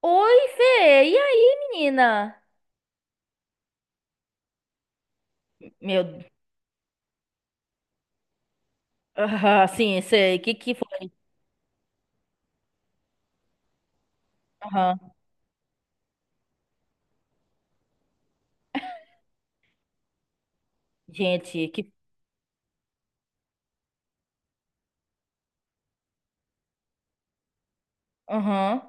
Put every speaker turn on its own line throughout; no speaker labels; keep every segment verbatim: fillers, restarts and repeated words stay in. Oi, Fê. E aí, menina? Meu, ah, sim, sei. Que que foi? Aham. Gente, que Aham.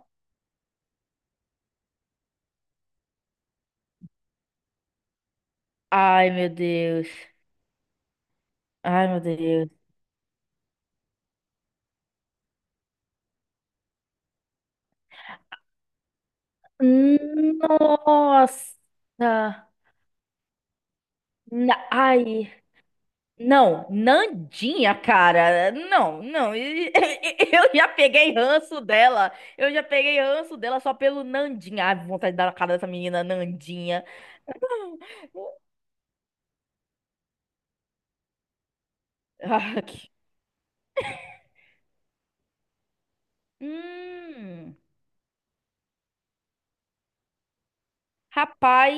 Ai, meu Deus. Ai, meu Deus. Nossa. Na- Ai. Não, Nandinha, cara. Não, não. Eu já peguei ranço dela. Eu já peguei ranço dela só pelo Nandinha. Ai, vontade de dar na cara dessa menina, Nandinha. Ah, que... Hum. Rapaz,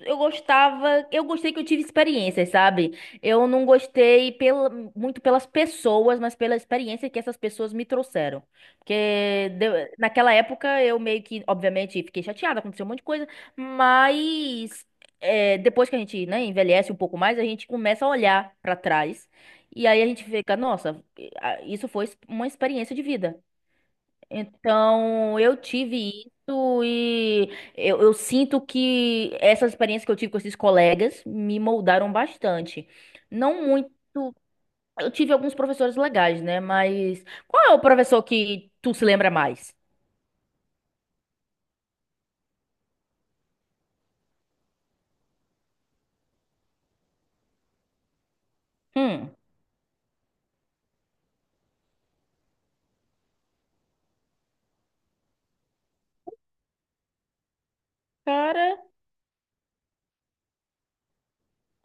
eu gostava, eu gostei que eu tive experiências, sabe? Eu não gostei pela, muito pelas pessoas, mas pela experiência que essas pessoas me trouxeram. Porque deu- naquela época eu meio que, obviamente, fiquei chateada, aconteceu um monte de coisa, mas é, depois que a gente, né, envelhece um pouco mais, a gente começa a olhar pra trás. E aí a gente fica, nossa, eh, ah, isso foi uma experiência de vida. Então, eu tive isso e eu, eu sinto que essa experiência que eu tive com esses colegas me moldaram bastante. Não muito. Eu tive alguns professores legais, né? Mas qual é o professor que tu se lembra mais? Hum, cara.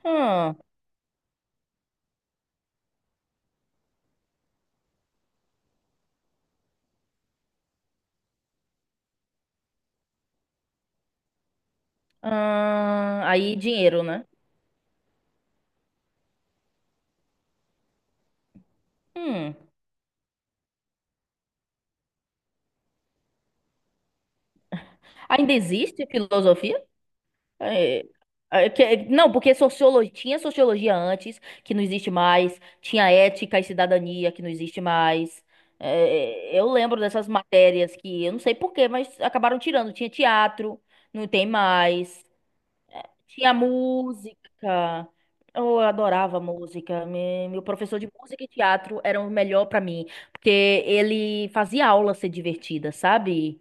Hum, ahn, aí, dinheiro, né? Hum, ainda existe filosofia? É, é que- é, não, porque sociologia, tinha sociologia antes, que não existe mais, tinha ética e cidadania, que não existe mais. É, eu lembro dessas matérias que eu não sei por quê, mas acabaram tirando. Tinha teatro, não tem mais. Tinha música. Eu adorava música. Me- Meu professor de música e teatro era o melhor pra mim, porque ele fazia a aula ser divertida, sabe?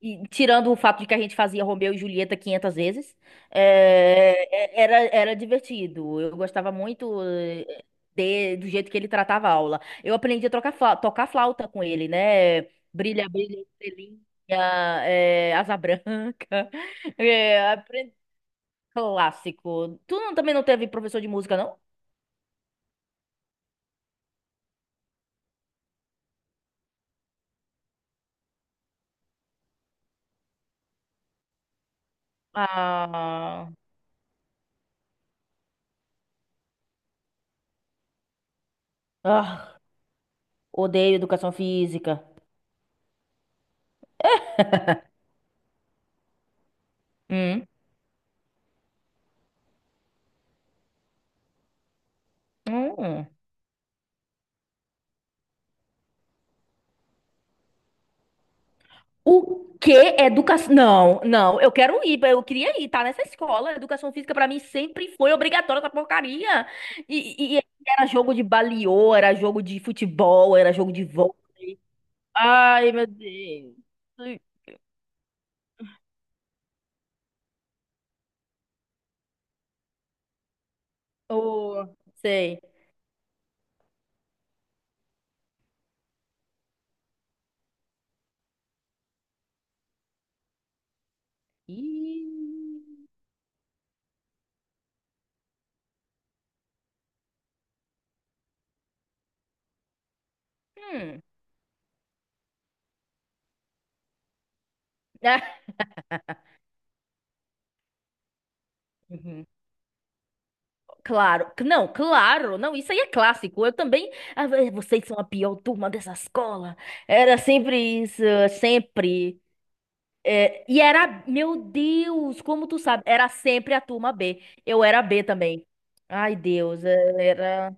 E tirando o fato de que a gente fazia Romeu e Julieta quinhentas vezes, é, é- era, era divertido. Eu gostava muito eh, de- do jeito que ele tratava a aula. Eu aprendi a trocar fla- tocar flauta com ele, né? Brilha, brilha, estrelinha, eh, asa branca. É, apre- Clássico. Tu não- Também não teve professor de música, não? Ah, ah, odeio educação física. Hum. Hum. O quê? Educação? Não, não, eu quero ir, eu queria ir, tá nessa escola. Educação física pra mim sempre foi obrigatória essa porcaria. E, e- e era jogo de baliô, era jogo de futebol, era jogo de vôlei. Ai, meu Deus. Oh, sei. Ih, hum. Uhum. Claro, não, claro, não, isso aí é clássico. Eu também, ah, eh, vocês são a pior turma dessa escola. Era sempre isso, sempre. É, e era, meu Deus, como tu sabe, era sempre a turma B. Eu era B também. Ai, Deus, é, era.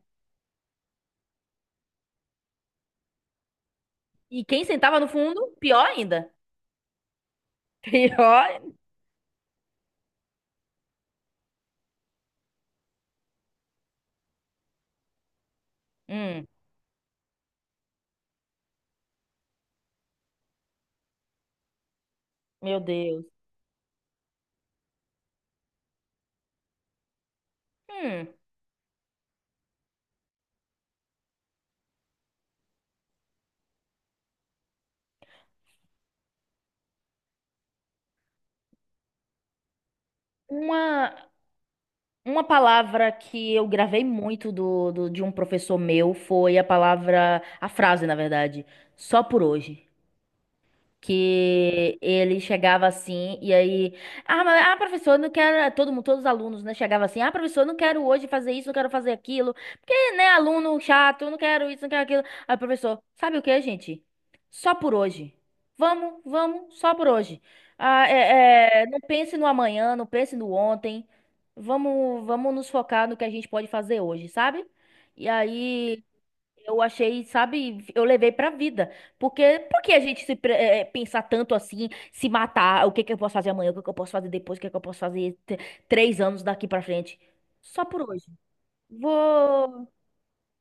E quem sentava no fundo, pior ainda. Pior. Hum, meu Deus. Hum, uma, uma palavra que eu gravei muito do, do- de um professor meu foi a palavra, a frase, na verdade, só por hoje. Que ele chegava assim e aí, ah, mas, ah, professor, eu não quero, todo mundo, todos os alunos, né, chegava assim, ah, professor, eu não quero hoje fazer isso, não quero fazer aquilo, porque, né, aluno chato, eu não quero isso, não quero aquilo. Aí, o professor, sabe o que, gente? Só por hoje. Vamos, vamos, só por hoje. Ah, é, é, não pense no amanhã, não pense no ontem. Vamos, vamos nos focar no que a gente pode fazer hoje, sabe? E aí eu achei, sabe, eu levei pra vida. Porque por que a gente se pre- eh, pensar tanto assim, se matar, o que que eu posso fazer amanhã, o que que eu posso fazer depois, o que que eu posso fazer t- três anos daqui pra frente? Só por hoje. Vou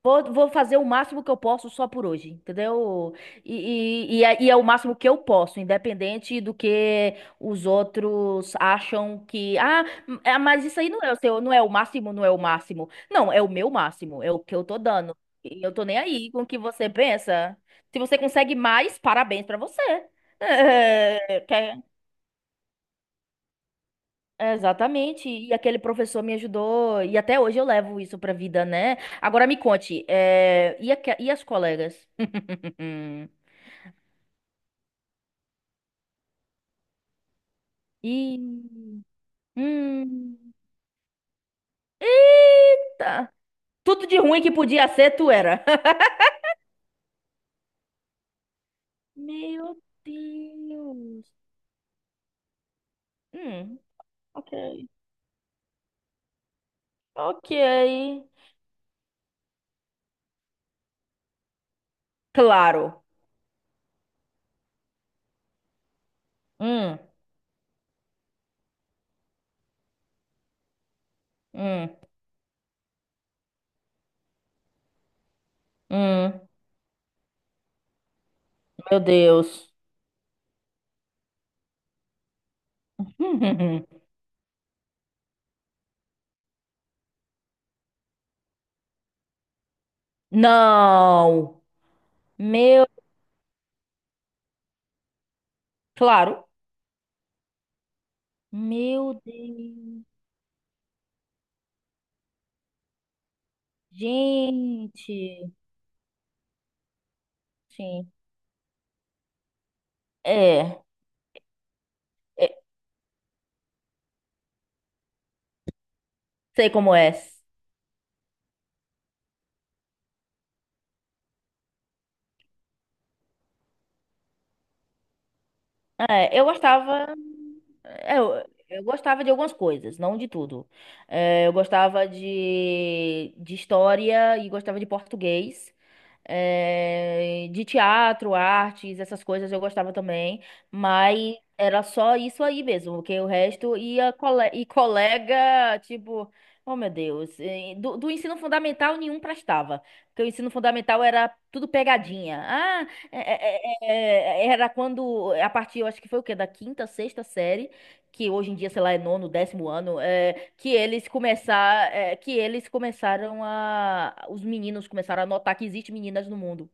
Vou, vou fazer o máximo que eu posso só por hoje, entendeu? E, e, e é, e é o máximo que eu posso, independente do que os outros acham que. Ah, m- é, mas isso aí não é o seu, não é o máximo, não é o máximo. Não, é o meu máximo, é o que eu tô dando. E eu tô nem aí com o que você pensa. Se você consegue mais, parabéns pra você. É, quer- é, Exatamente, e aquele professor me ajudou, e até hoje eu levo isso pra vida, né? Agora me conte, é, e, aque- e as colegas? E. Hum. Eita! Tudo de ruim que podia ser, tu era. Meu Deus. Hum, ok. Ok. Claro. Hum, hum, hum. Meu Deus. Não. Meu. Claro. Meu Deus. Gente, sim. É, é, Sei como é. É, eu gostava. é, Eu, eu gostava de algumas coisas, não de tudo. É, eu gostava de, de história e gostava de português. É, de teatro, artes, essas coisas eu gostava também. Mas era só isso aí mesmo, porque o resto ia cole- e colega, tipo, oh meu Deus, eh, do, do ensino fundamental nenhum prestava. Porque o ensino fundamental era tudo pegadinha. Ah, é, é, é, é, era quando, a partir, eu acho que foi o quê? Da quinta, sexta série, que hoje em dia, sei lá, é nono, décimo ano, é, que eles começar, é, que eles começaram a, os meninos começaram a notar que existe meninas no mundo.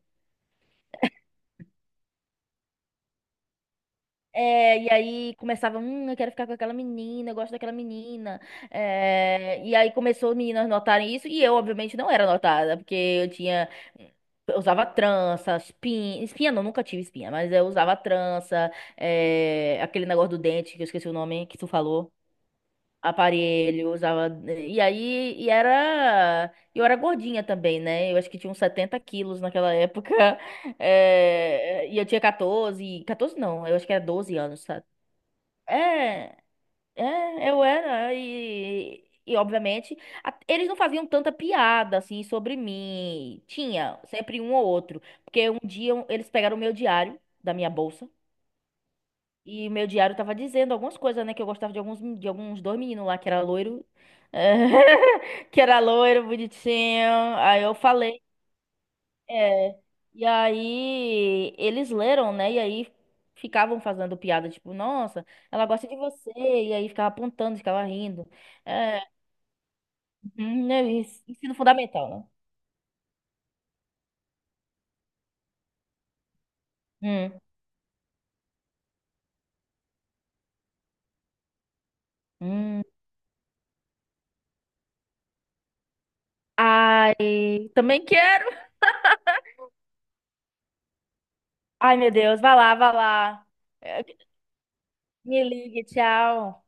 É, e aí começava, hum, eu quero ficar com aquela menina, eu gosto daquela menina. É, e aí começou as meninas notarem isso, e eu, obviamente, não era notada, porque eu tinha. Eu usava trança, espinha. Espinha não, nunca tive espinha, mas eu usava trança, é, aquele negócio do dente, que eu esqueci o nome que tu falou. Aparelho, usava. E aí, e era. Eu era gordinha também, né? Eu acho que tinha uns setenta quilos naquela época. É, E eu tinha catorze catorze não, eu acho que era doze anos, é, é, eu era e, e obviamente a- eles não faziam tanta piada assim sobre mim. Tinha sempre um ou outro, porque um dia um- eles pegaram o meu diário da minha bolsa e o meu diário tava dizendo algumas coisas, né, que eu gostava de alguns de alguns dois meninos lá que era loiro, eh, que era loiro, bonitinho. Aí eu falei é. E aí eles leram, né? E aí ficavam fazendo piada, tipo, nossa, ela gosta de você. E aí ficava apontando, ficava rindo. É, hum, né, ensino fundamental, né? Hum, hum. Ai, também quero. Ai, meu Deus, vai lá, vai lá. É, Me ligue, tchau.